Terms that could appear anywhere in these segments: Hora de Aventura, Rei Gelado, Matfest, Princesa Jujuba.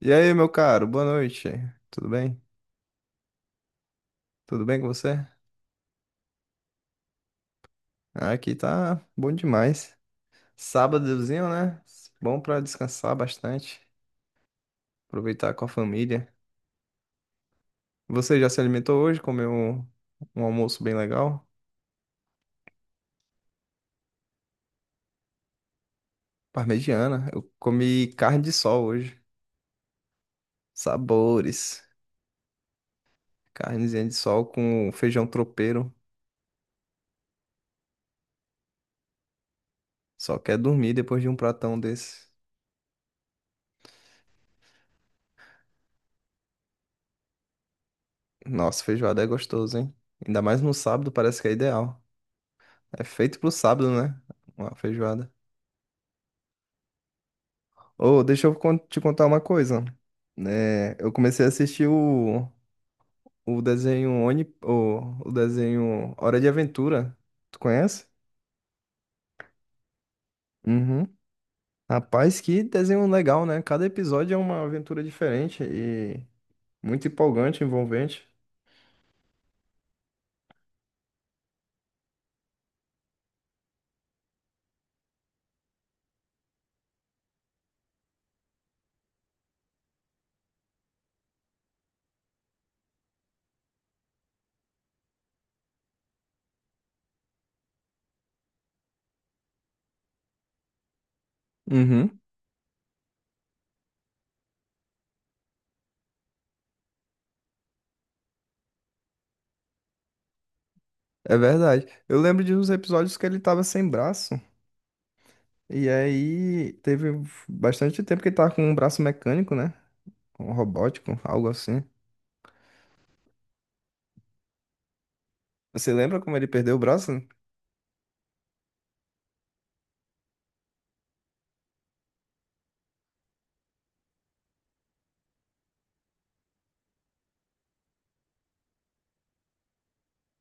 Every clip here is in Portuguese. E aí, meu caro, boa noite. Tudo bem? Tudo bem com você? Ah, aqui tá bom demais. Sábadozinho, né? Bom pra descansar bastante, aproveitar com a família. Você já se alimentou hoje? Comeu um almoço bem legal? Parmegiana. Eu comi carne de sol hoje. Sabores. Carnezinha de sol com feijão tropeiro. Só quer dormir depois de um pratão desse. Nossa, feijoada é gostoso, hein? Ainda mais no sábado, parece que é ideal. É feito pro sábado, né? Uma feijoada. Ô, deixa eu te contar uma coisa. Né? Eu comecei a assistir o desenho Oni, o desenho Hora de Aventura. Tu conhece? Uhum. Rapaz, que desenho legal, né? Cada episódio é uma aventura diferente e muito empolgante, envolvente. Uhum. É verdade. Eu lembro de uns episódios que ele tava sem braço. E aí teve bastante tempo que ele tava com um braço mecânico, né? Um robótico, algo assim. Você lembra como ele perdeu o braço?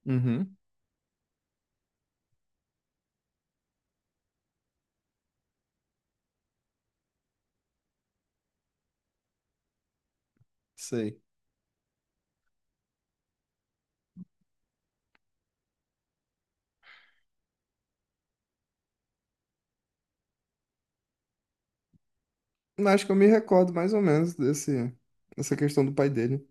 Uhum. Sei. Acho que eu me recordo mais ou menos dessa questão do pai dele.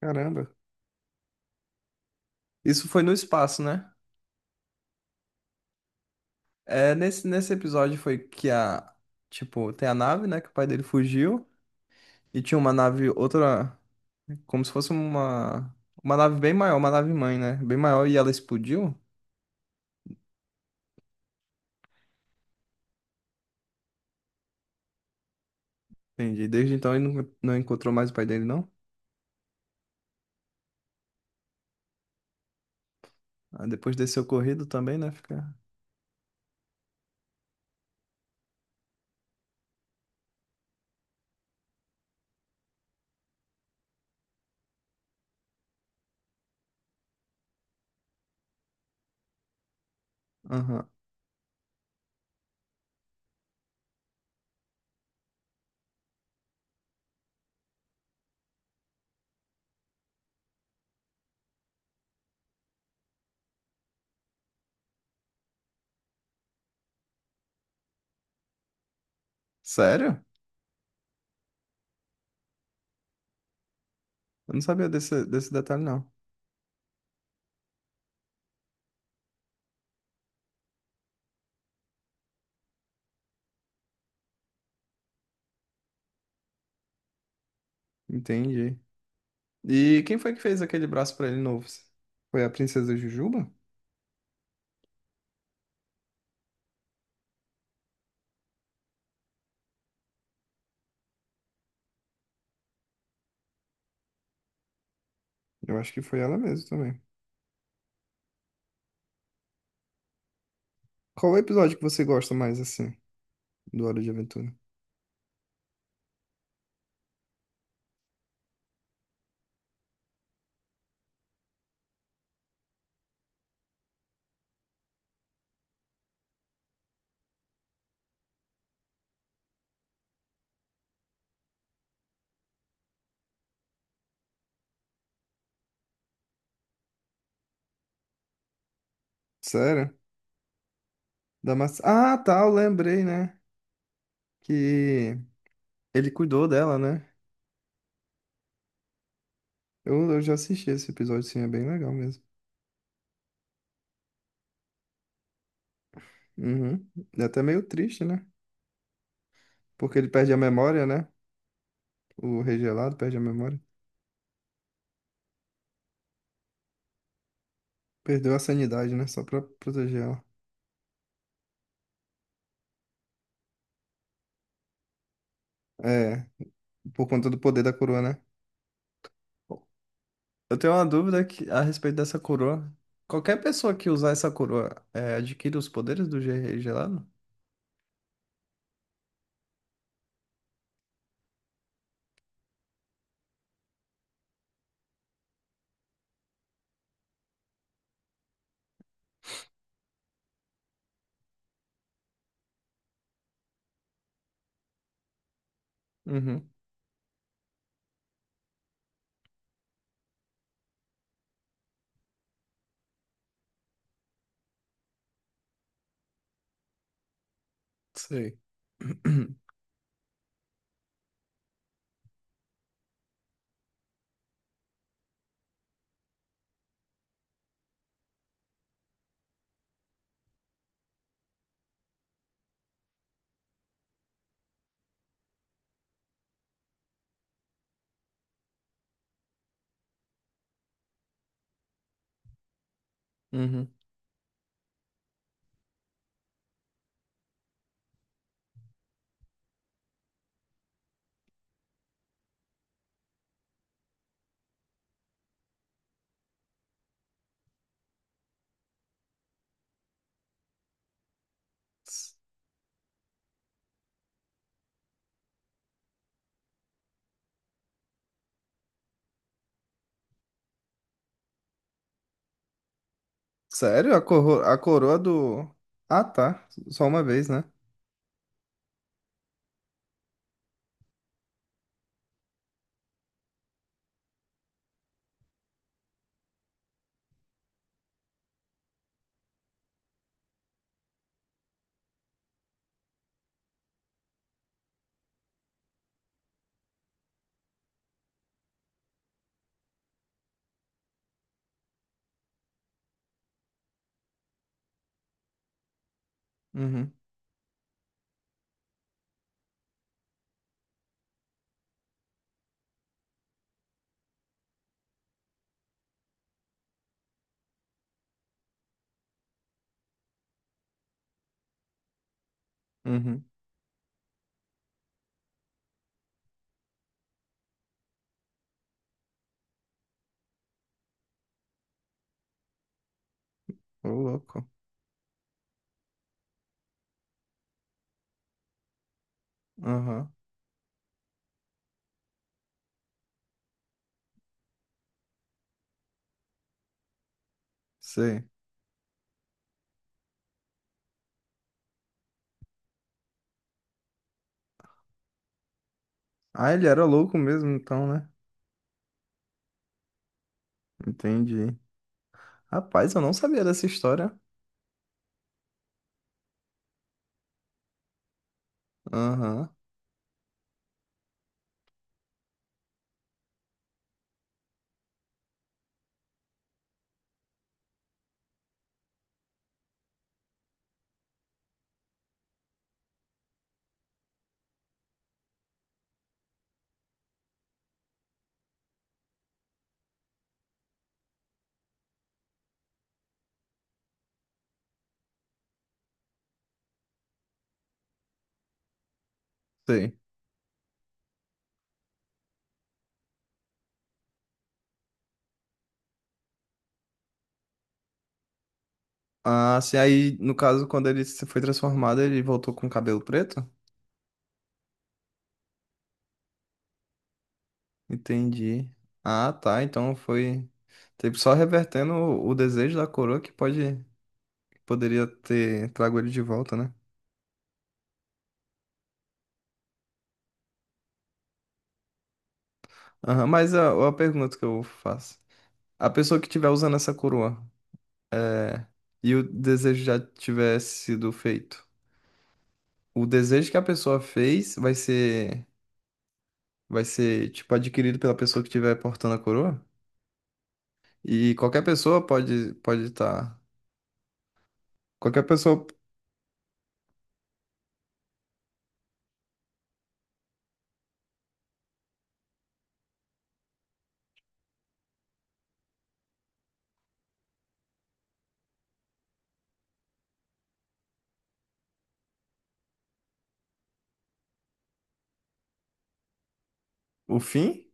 Caramba. Isso foi no espaço, né? É, nesse episódio foi que a. Tipo, tem a nave, né? Que o pai dele fugiu. E tinha uma nave, outra. Como se fosse uma. Uma nave bem maior, uma nave mãe, né? Bem maior e ela explodiu. Entendi. Desde então ele não encontrou mais o pai dele, não? Ah, depois desse ocorrido também, né? Fica. Aham. Sério? Eu não sabia desse detalhe, não. Entendi. E quem foi que fez aquele braço pra ele novo? Foi a Princesa Jujuba? Eu acho que foi ela mesmo também. Qual o episódio que você gosta mais, assim, do Hora de Aventura? Sério? Da maçã. Ah, tá, eu lembrei, né? Que ele cuidou dela, né? Eu já assisti esse episódio, sim, é bem legal mesmo. Uhum. É até meio triste, né? Porque ele perde a memória, né? O Rei Gelado perde a memória. Perdeu a sanidade, né? Só pra proteger ela. É, por conta do poder da coroa, né? Eu tenho uma dúvida que- a respeito dessa coroa. Qualquer pessoa que usar essa coroa é, adquire os poderes do Rei Gelado? Uhum, sei. Uhum. S- Sério? A, corro- a coroa do. Ah, tá. Só uma vez, né? Uhum, uhum. Ô, louco. Aham. Sei. Ah, ele era louco mesmo, então, né? Entendi. Rapaz, eu não sabia dessa história. Aham. Sei. Ah, assim, aí, no caso, quando ele se foi transformado, ele voltou com o cabelo preto? Entendi. Ah, tá. Então foi tipo, só revertendo o desejo da coroa que poderia ter trago ele de volta, né? Aham, mas a pergunta que eu faço. A pessoa que estiver usando essa coroa e o desejo já tiver sido feito, o desejo que a pessoa fez vai ser tipo adquirido pela pessoa que estiver portando a coroa? E qualquer pessoa pode estar qualquer pessoa o fim?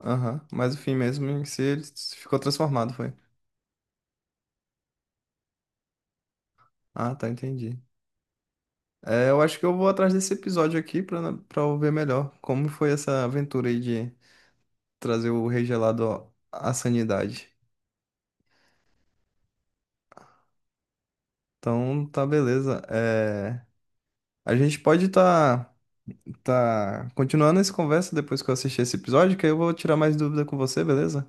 Aham, mas o fim mesmo em si ele ficou transformado, foi. Ah, tá, entendi. É, eu acho que eu vou atrás desse episódio aqui pra para ver melhor como foi essa aventura aí de trazer o rei gelado à sanidade. Então, tá beleza. É, a gente pode tá, tá continuando essa conversa depois que eu assistir esse episódio, que aí eu vou tirar mais dúvida com você, beleza?